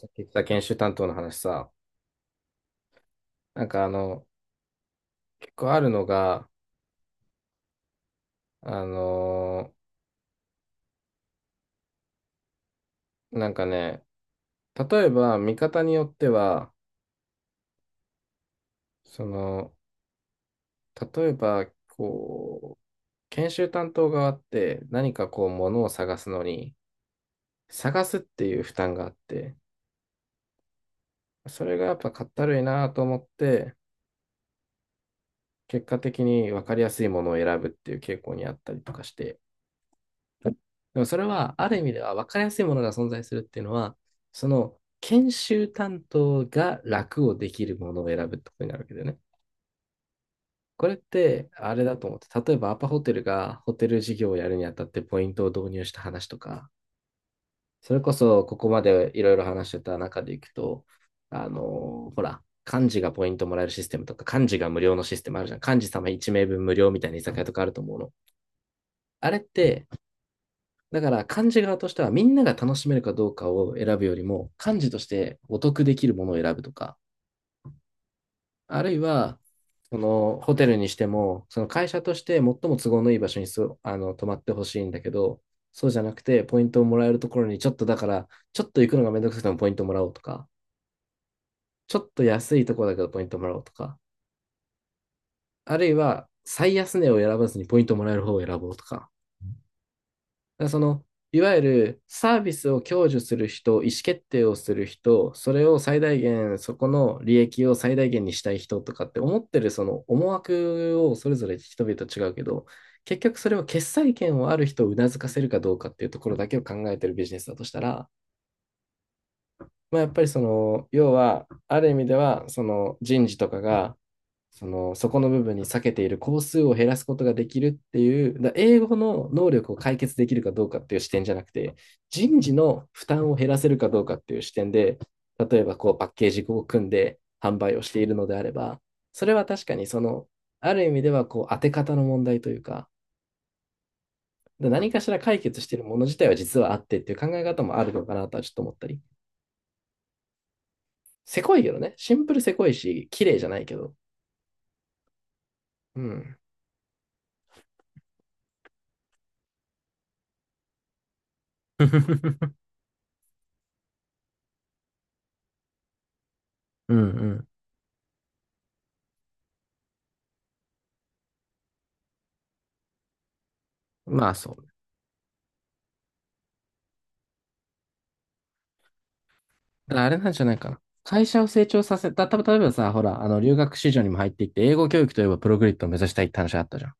さっき言ってた研修担当の話さ、なんか結構あるのが、あのなんかね、例えば見方によっては、その、例えば、研修担当側って何かこう、ものを探すのに、探すっていう負担があって、それがやっぱかったるいなと思って、結果的に分かりやすいものを選ぶっていう傾向にあったりとかして、でもそれは、ある意味では分かりやすいものが存在するっていうのは、その研修担当が楽をできるものを選ぶってことになるわけだよね。これって、あれだと思って、例えばアパホテルがホテル事業をやるにあたってポイントを導入した話とか、それこそここまでいろいろ話してた中でいくと、ほら、幹事がポイントもらえるシステムとか、幹事が無料のシステムあるじゃん。幹事様1名分無料みたいな居酒屋とかあると思うの。あれって、だから漢字側としてはみんなが楽しめるかどうかを選ぶよりも漢字としてお得できるものを選ぶとか、あるいはそのホテルにしてもその会社として最も都合のいい場所にそあの泊まってほしいんだけど、そうじゃなくてポイントをもらえるところにちょっと行くのがめんどくさくてもポイントもらおうとか、ちょっと安いところだけどポイントもらおうとか、あるいは最安値を選ばずにポイントもらえる方を選ぼうとか、だらその、いわゆるサービスを享受する人、意思決定をする人、それを最大限、そこの利益を最大限にしたい人とかって思ってるその思惑をそれぞれ人々違うけど、結局それを決裁権をある人をうなずかせるかどうかっていうところだけを考えてるビジネスだとしたら、まあ、やっぱり要は、ある意味では、その人事とかが、そこの部分に避けている工数を減らすことができるっていう、英語の能力を解決できるかどうかっていう視点じゃなくて、人事の負担を減らせるかどうかっていう視点で、例えばこうパッケージを組んで販売をしているのであれば、それは確かにある意味ではこう当て方の問題というか、何かしら解決しているもの自体は実はあってっていう考え方もあるのかなとはちょっと思ったり。せこいけどね、シンプルせこいし、綺麗じゃないけど。うん。うんうん。まあそう。だからあれなんじゃないかな。会社を成長させた、例えばさ、ほら、留学市場にも入っていって、英語教育といえばプログリッドを目指したいって話あったじゃん。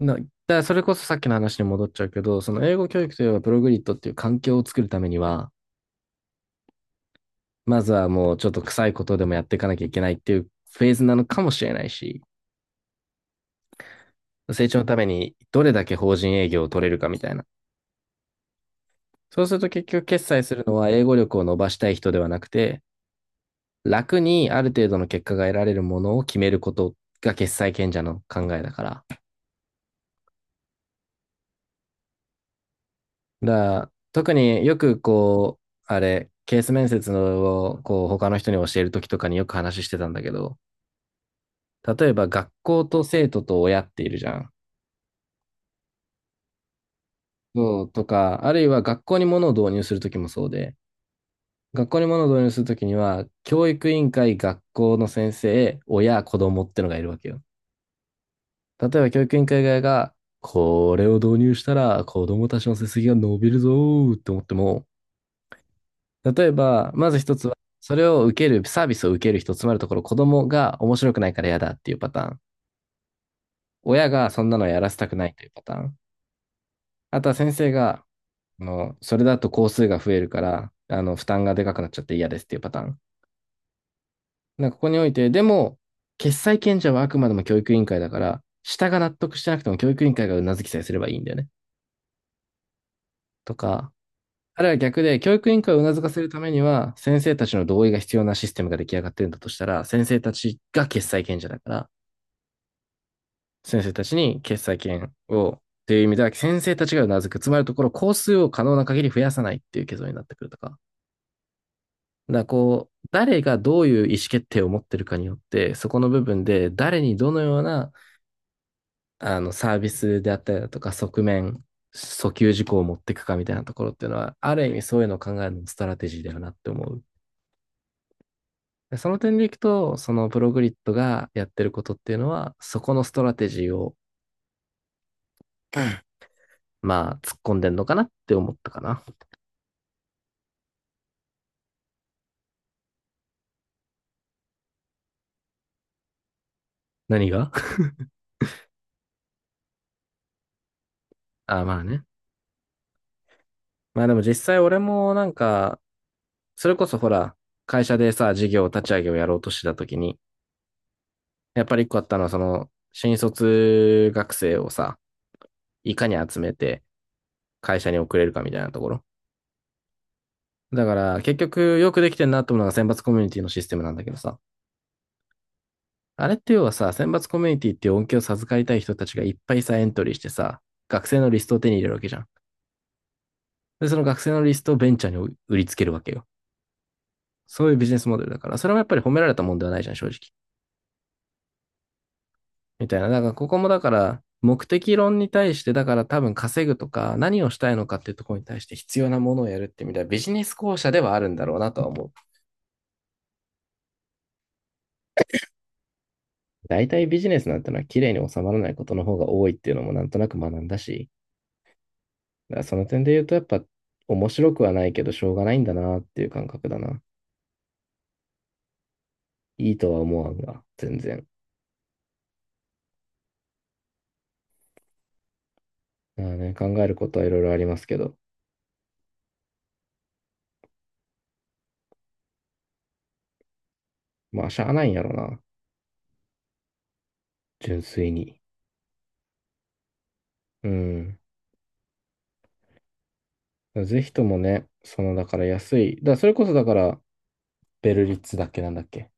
だからそれこそさっきの話に戻っちゃうけど、その英語教育といえばプログリッドっていう環境を作るためには、まずはもうちょっと臭いことでもやっていかなきゃいけないっていうフェーズなのかもしれないし、成長のためにどれだけ法人営業を取れるかみたいな。そうすると結局決済するのは英語力を伸ばしたい人ではなくて、楽にある程度の結果が得られるものを決めることが決裁権者の考えだから。だから特によくこう、ケース面接をこう他の人に教えるときとかによく話してたんだけど、例えば学校と生徒と親っているじゃん。そうとか、あるいは学校に物を導入するときもそうで、学校に物を導入するときには、教育委員会、学校の先生、親、子供ってのがいるわけよ。例えば教育委員会側が、これを導入したら子供たちの成績が伸びるぞーって思っても、例えば、まず一つは、それを受ける、サービスを受ける人、つまるところ子供が面白くないから嫌だっていうパターン。親がそんなのやらせたくないというパターン。あとは先生が、それだと工数が増えるから、負担がでかくなっちゃって嫌ですっていうパターン。なんかここにおいて、でも、決裁権者はあくまでも教育委員会だから、下が納得してなくても教育委員会がうなずきさえすればいいんだよね。とか、あるいは逆で、教育委員会をうなずかせるためには、先生たちの同意が必要なシステムが出来上がってるんだとしたら、先生たちが決裁権者だから、先生たちに決裁権を、という意味では、先生たちがうなずく。つまりのところ、工数を可能な限り増やさないっていう結論になってくるとか。だからこう、誰がどういう意思決定を持ってるかによって、そこの部分で、誰にどのような、サービスであったりだとか、側面、訴求事項を持っていくかみたいなところっていうのは、ある意味そういうのを考えるのもストラテジーだよなって思う。でその点でいくと、そのプログリッドがやってることっていうのは、そこのストラテジーを、まあ、突っ込んでんのかなって思ったかな。何が？ あ、まあね。まあでも実際俺もなんか、それこそほら、会社でさ、事業立ち上げをやろうとした時に、やっぱり一個あったのは、新卒学生をさ、いかに集めて会社に送れるかみたいなところ。だから、結局よくできてんなと思うのが選抜コミュニティのシステムなんだけどさ。あれって要はさ、選抜コミュニティっていう恩恵を授かりたい人たちがいっぱいさ、エントリーしてさ、学生のリストを手に入れるわけじゃん。で、その学生のリストをベンチャーに売りつけるわけよ。そういうビジネスモデルだから、それもやっぱり褒められたもんではないじゃん、正直。みたいな。だから、ここもだから、目的論に対して、だから多分稼ぐとか、何をしたいのかっていうところに対して必要なものをやるってみたいなビジネス校舎ではあるんだろうなとは思う。大体ビジネスなんてのは綺麗に収まらないことの方が多いっていうのもなんとなく学んだし、だからその点で言うと、やっぱ面白くはないけど、しょうがないんだなっていう感覚だな。いいとは思わんが、全然。だからね、考えることはいろいろありますけど、まあ、しゃあないんやろな、純粋に。うん。ぜひともね、だから安い、だからそれこそだから、ベルリッツだっけなんだっけ、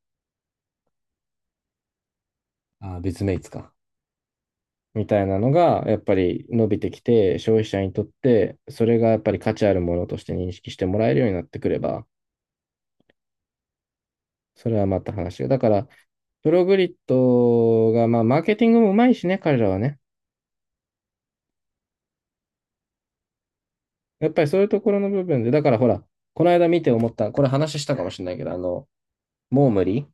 あー、ビズメイツか。みたいなのが、やっぱり伸びてきて、消費者にとって、それがやっぱり価値あるものとして認識してもらえるようになってくれば、それはまた話が。だから、プログリッドが、まあ、マーケティングもうまいしね、彼らはね。やっぱりそういうところの部分で、だからほら、この間見て思った、これ話したかもしれないけど、モームリ。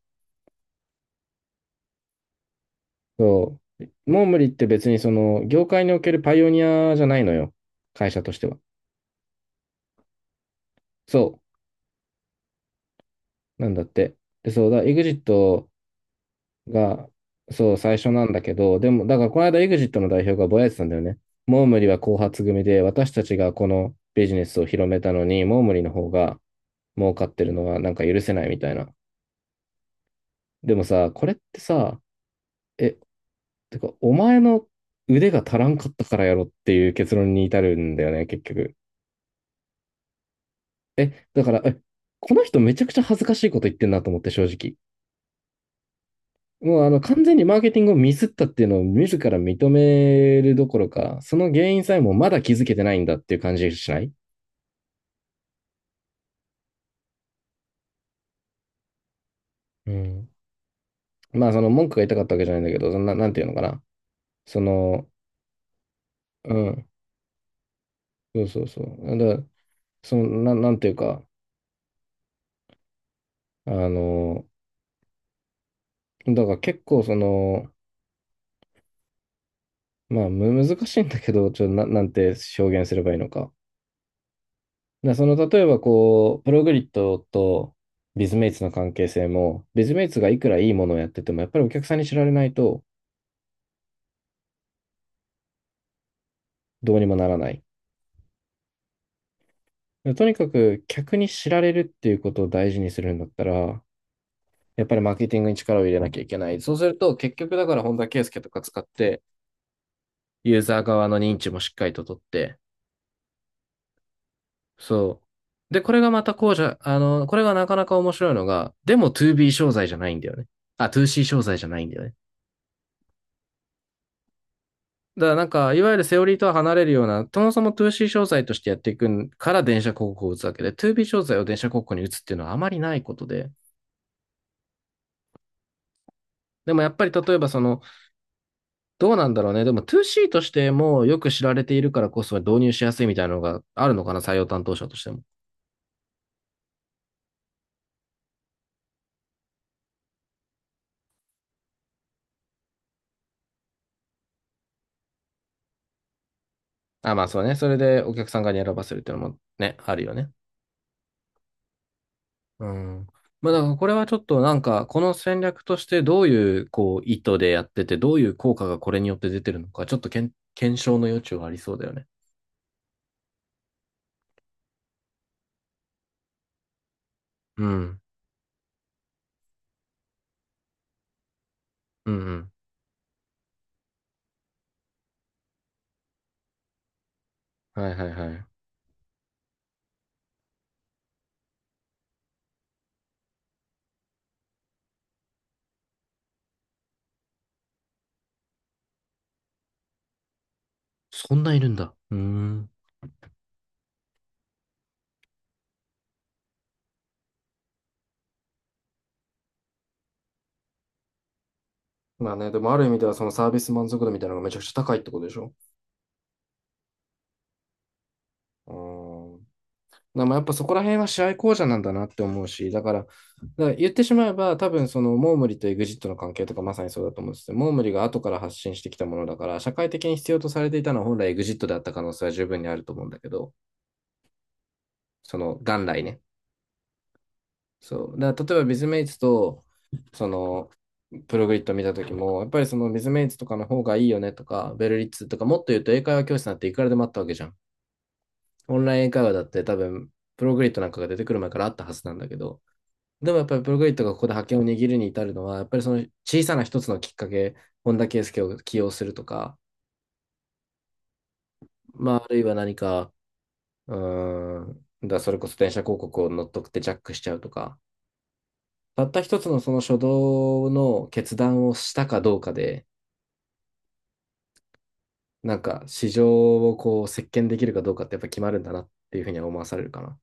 そう。モームリって別にその、業界におけるパイオニアじゃないのよ。会社としては。そう。なんだって。で、そうだ、エグジットが、そう、最初なんだけど、でも、だからこの間エグジットの代表がぼやいてたんだよね。モームリは後発組で、私たちがこのビジネスを広めたのに、モームリの方が、儲かってるのがなんか許せないみたいな。でもさ、これってさ、え、てか、お前の腕が足らんかったからやろっていう結論に至るんだよね、結局。だから、この人めちゃくちゃ恥ずかしいこと言ってんなと思って、正直。もう完全にマーケティングをミスったっていうのを自ら認めるどころか、その原因さえもまだ気づけてないんだっていう感じしない？うん。まあその文句が言いたかったわけじゃないんだけど、そんな、なんていうのかな。その、うん、そうそうそう。だからその、なんていうか、あの、だから結構その、まあ難しいんだけど、ちょっとなんて表現すればいいのか。でその例えばこう、プログリッドとビズメイツの関係性も、ビズメイツがいくらいいものをやってても、やっぱりお客さんに知られないとどうにもならない。でとにかく客に知られるっていうことを大事にするんだったら、やっぱりマーケティングに力を入れなきゃいけない。そうすると結局だから本田圭佑とか使って、ユーザー側の認知もしっかりと取って、そう。で、これがまたこうじゃ、これがなかなか面白いのが、でも 2B 商材じゃないんだよね。あ、2C 商材じゃないんだよね。だからなんか、いわゆるセオリーとは離れるような、そもそも 2C 商材としてやっていくから電車広告を打つわけで、2B 商材を電車広告に打つっていうのはあまりないことで。でもやっぱり例えばその、どうなんだろうね。でも 2C としてもよく知られているからこそ導入しやすいみたいなのがあるのかな、採用担当者としても。あ、まあそうね。それでお客さん側に選ばせるっていうのもね、あるよね。うん。まあ、だからこれはちょっとなんか、この戦略としてどういう、こう、意図でやってて、どういう効果がこれによって出てるのか、ちょっと検証の余地はありそうだよね。うん。うんうん。はいはいはい。そんないるんだ。うーん。まあね、でもある意味ではそのサービス満足度みたいなのがめちゃくちゃ高いってことでしょ？うーん。まあやっぱそこら辺は試合巧者なんだなって思うし、だから言ってしまえば、多分そのモームリとエグジットの関係とかまさにそうだと思うんですよ。モームリが後から発信してきたものだから、社会的に必要とされていたのは本来エグジットであった可能性は十分にあると思うんだけど、その元来ね。そう。だから例えばビズメイツと、その、プログリッド見た時も、やっぱりそのビズメイツとかの方がいいよねとか、ベルリッツとか、もっと言うと英会話教室なんていくらでもあったわけじゃん。オンライン英会話だって多分、プログリッドなんかが出てくる前からあったはずなんだけど、でもやっぱりプログリッドがここで覇権を握るに至るのは、やっぱりその小さな一つのきっかけ、本田圭佑を起用するとか、まあ、あるいは何か、うーん、それこそ電車広告を乗っ取ってジャックしちゃうとか、たった一つのその初動の決断をしたかどうかで、なんか市場をこう席巻できるかどうかってやっぱ決まるんだなっていうふうには思わされるかな。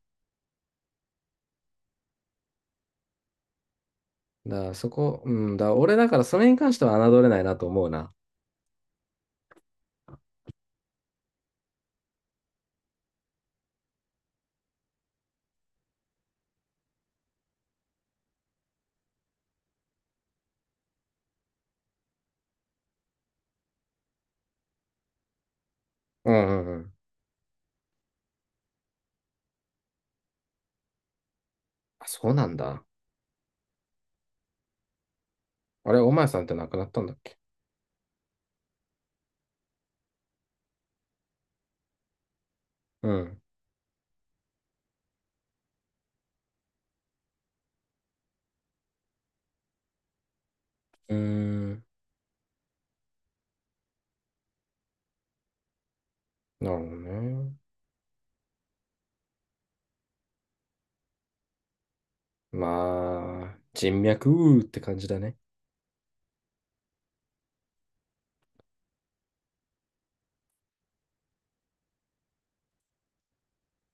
だからそこ、うんだ、俺だからそれに関しては侮れないなと思うな。うんうんうん。あ、そうなんだ。あれ、お前さんって亡くなったんだっけ？うん。うーん。なるほどね。まあ、人脈って感じだね。